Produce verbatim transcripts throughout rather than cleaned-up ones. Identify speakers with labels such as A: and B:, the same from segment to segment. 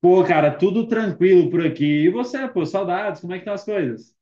A: Pô, cara, tudo tranquilo por aqui. E você, pô, saudades, como é que estão as coisas?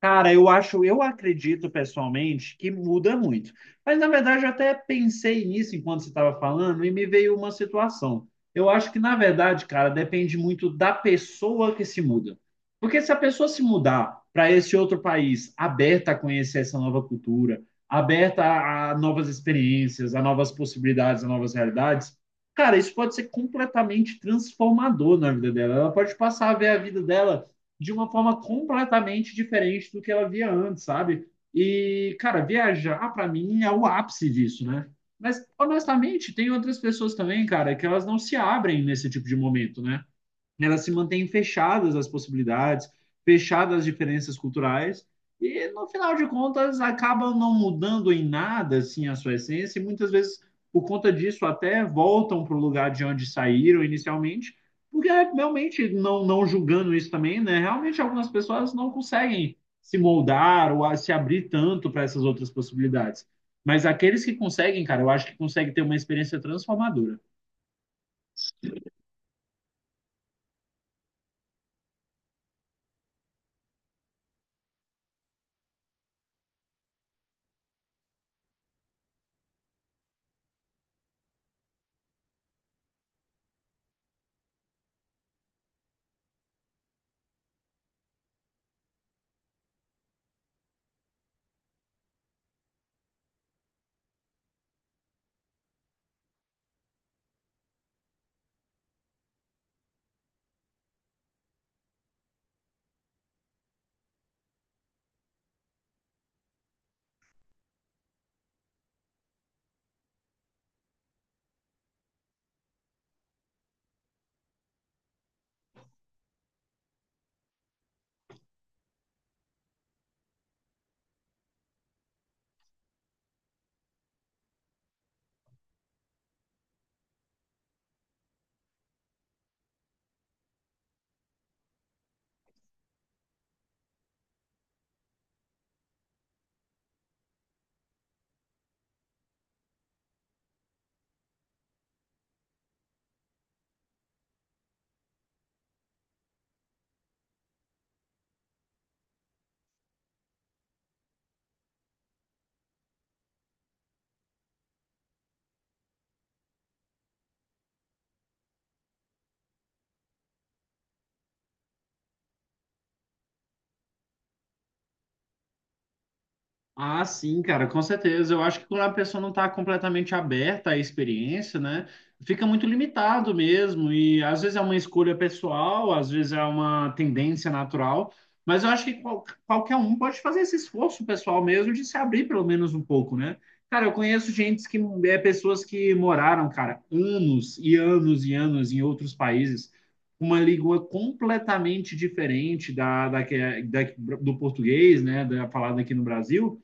A: Cara, eu acho, eu acredito pessoalmente que muda muito. Mas na verdade eu até pensei nisso enquanto você estava falando e me veio uma situação. Eu acho que na verdade, cara, depende muito da pessoa que se muda. Porque se a pessoa se mudar para esse outro país, aberta a conhecer essa nova cultura, aberta a, a novas experiências, a novas possibilidades, a novas realidades, cara, isso pode ser completamente transformador na vida dela. Ela pode passar a ver a vida dela de uma forma completamente diferente do que ela via antes, sabe? E, cara, viajar para mim é o ápice disso, né? Mas, honestamente, tem outras pessoas também, cara, que elas não se abrem nesse tipo de momento, né? Elas se mantêm fechadas às possibilidades, fechadas às diferenças culturais, e no final de contas acabam não mudando em nada assim a sua essência, e muitas vezes por conta disso até voltam para o lugar de onde saíram inicialmente, porque é, realmente não não julgando isso também, né? Realmente algumas pessoas não conseguem se moldar ou a- se abrir tanto para essas outras possibilidades. Mas aqueles que conseguem, cara, eu acho que conseguem ter uma experiência transformadora. Ah, sim, cara, com certeza. Eu acho que quando a pessoa não está completamente aberta à experiência, né, fica muito limitado mesmo. E às vezes é uma escolha pessoal, às vezes é uma tendência natural. Mas eu acho que qual- qualquer um pode fazer esse esforço pessoal mesmo de se abrir pelo menos um pouco, né? Cara, eu conheço gente que é pessoas que moraram, cara, anos e anos e anos em outros países, uma língua completamente diferente da, da, que- é, da- do português, né, da falada aqui no Brasil.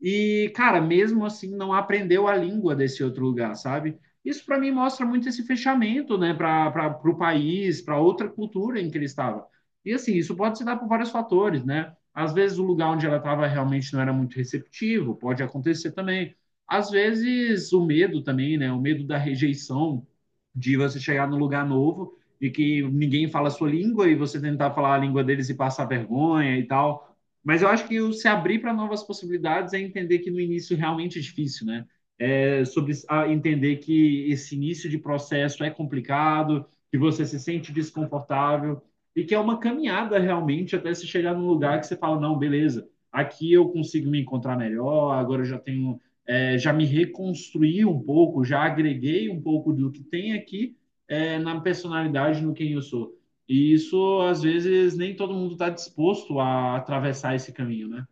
A: E, cara, mesmo assim, não aprendeu a língua desse outro lugar, sabe? Isso para mim mostra muito esse fechamento, né, para o país, para outra cultura em que ele estava. E assim, isso pode se dar por vários fatores, né? Às vezes o lugar onde ela estava realmente não era muito receptivo, pode acontecer também. Às vezes o medo também, né? O medo da rejeição, de você chegar num lugar novo e que ninguém fala a sua língua e você tentar falar a língua deles e passar vergonha e tal. Mas eu acho que o se abrir para novas possibilidades é entender que no início realmente é difícil, né? É sobre entender que esse início de processo é complicado, que você se sente desconfortável e que é uma caminhada realmente até se chegar num lugar que você fala, não, beleza, aqui eu consigo me encontrar melhor, agora eu já tenho, é, já me reconstruí um pouco, já agreguei um pouco do que tem aqui, é, na personalidade, no quem eu sou. E isso, às vezes, nem todo mundo está disposto a atravessar esse caminho, né?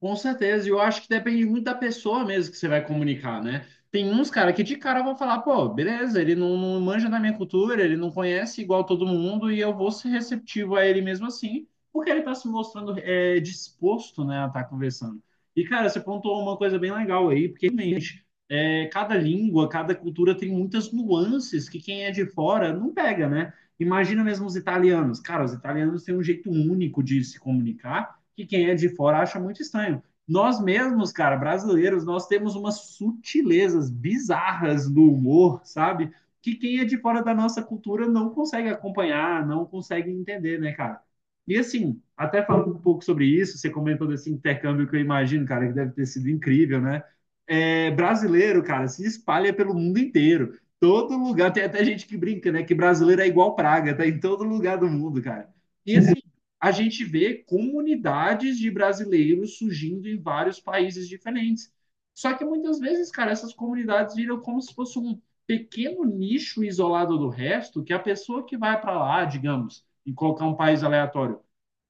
A: Com certeza, e eu acho que depende muito da pessoa mesmo que você vai comunicar, né? Tem uns, cara, que de cara vão falar, pô, beleza, ele não, não manja da minha cultura, ele não conhece igual todo mundo, e eu vou ser receptivo a ele mesmo assim, porque ele tá se mostrando é, disposto, né, a estar conversando. E, cara, você pontuou uma coisa bem legal aí, porque realmente, é, cada língua, cada cultura tem muitas nuances que quem é de fora não pega, né? Imagina mesmo os italianos. Cara, os italianos têm um jeito único de se comunicar que quem é de fora acha muito estranho. Nós mesmos, cara, brasileiros, nós temos umas sutilezas bizarras no humor, sabe? Que quem é de fora da nossa cultura não consegue acompanhar, não consegue entender, né, cara? E assim, até falando um pouco sobre isso, você comentou desse intercâmbio que eu imagino, cara, que deve ter sido incrível, né? É, brasileiro, cara, se espalha pelo mundo inteiro. Todo lugar, tem até gente que brinca, né? Que brasileiro é igual praga, tá em todo lugar do mundo, cara. E assim, a gente vê comunidades de brasileiros surgindo em vários países diferentes. Só que muitas vezes, cara, essas comunidades viram como se fosse um pequeno nicho isolado do resto, que a pessoa que vai para lá, digamos, em colocar um país aleatório,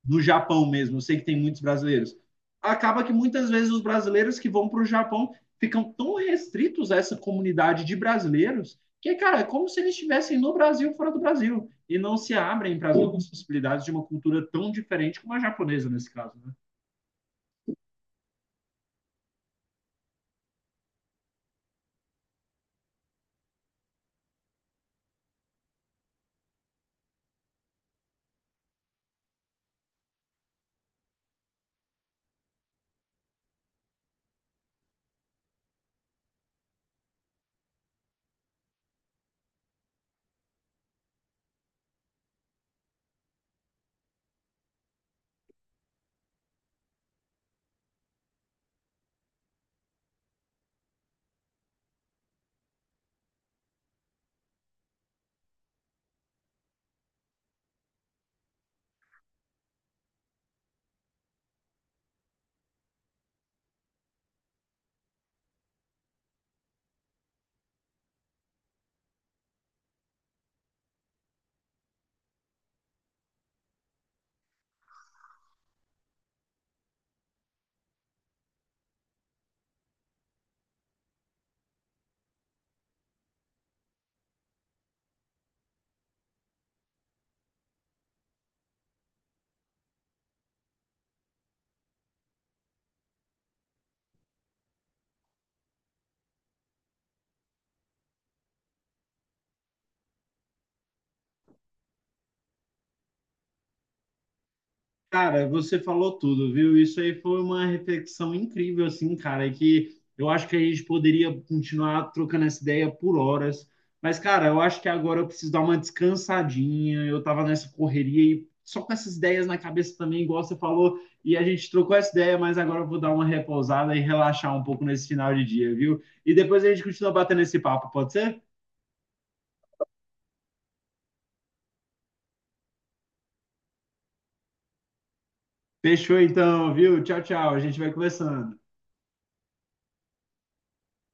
A: no Japão mesmo, eu sei que tem muitos brasileiros. Acaba que muitas vezes os brasileiros que vão para o Japão ficam tão restritos a essa comunidade de brasileiros que, cara, é como se eles estivessem no Brasil fora do Brasil e não se abrem para as outras possibilidades de uma cultura tão diferente como a japonesa nesse caso, né? Cara, você falou tudo, viu? Isso aí foi uma reflexão incrível, assim, cara, que eu acho que a gente poderia continuar trocando essa ideia por horas. Mas, cara, eu acho que agora eu preciso dar uma descansadinha. Eu tava nessa correria e só com essas ideias na cabeça também, igual você falou, e a gente trocou essa ideia, mas agora eu vou dar uma repousada e relaxar um pouco nesse final de dia, viu? E depois a gente continua batendo esse papo, pode ser? Fechou então, viu? Tchau, tchau. A gente vai conversando.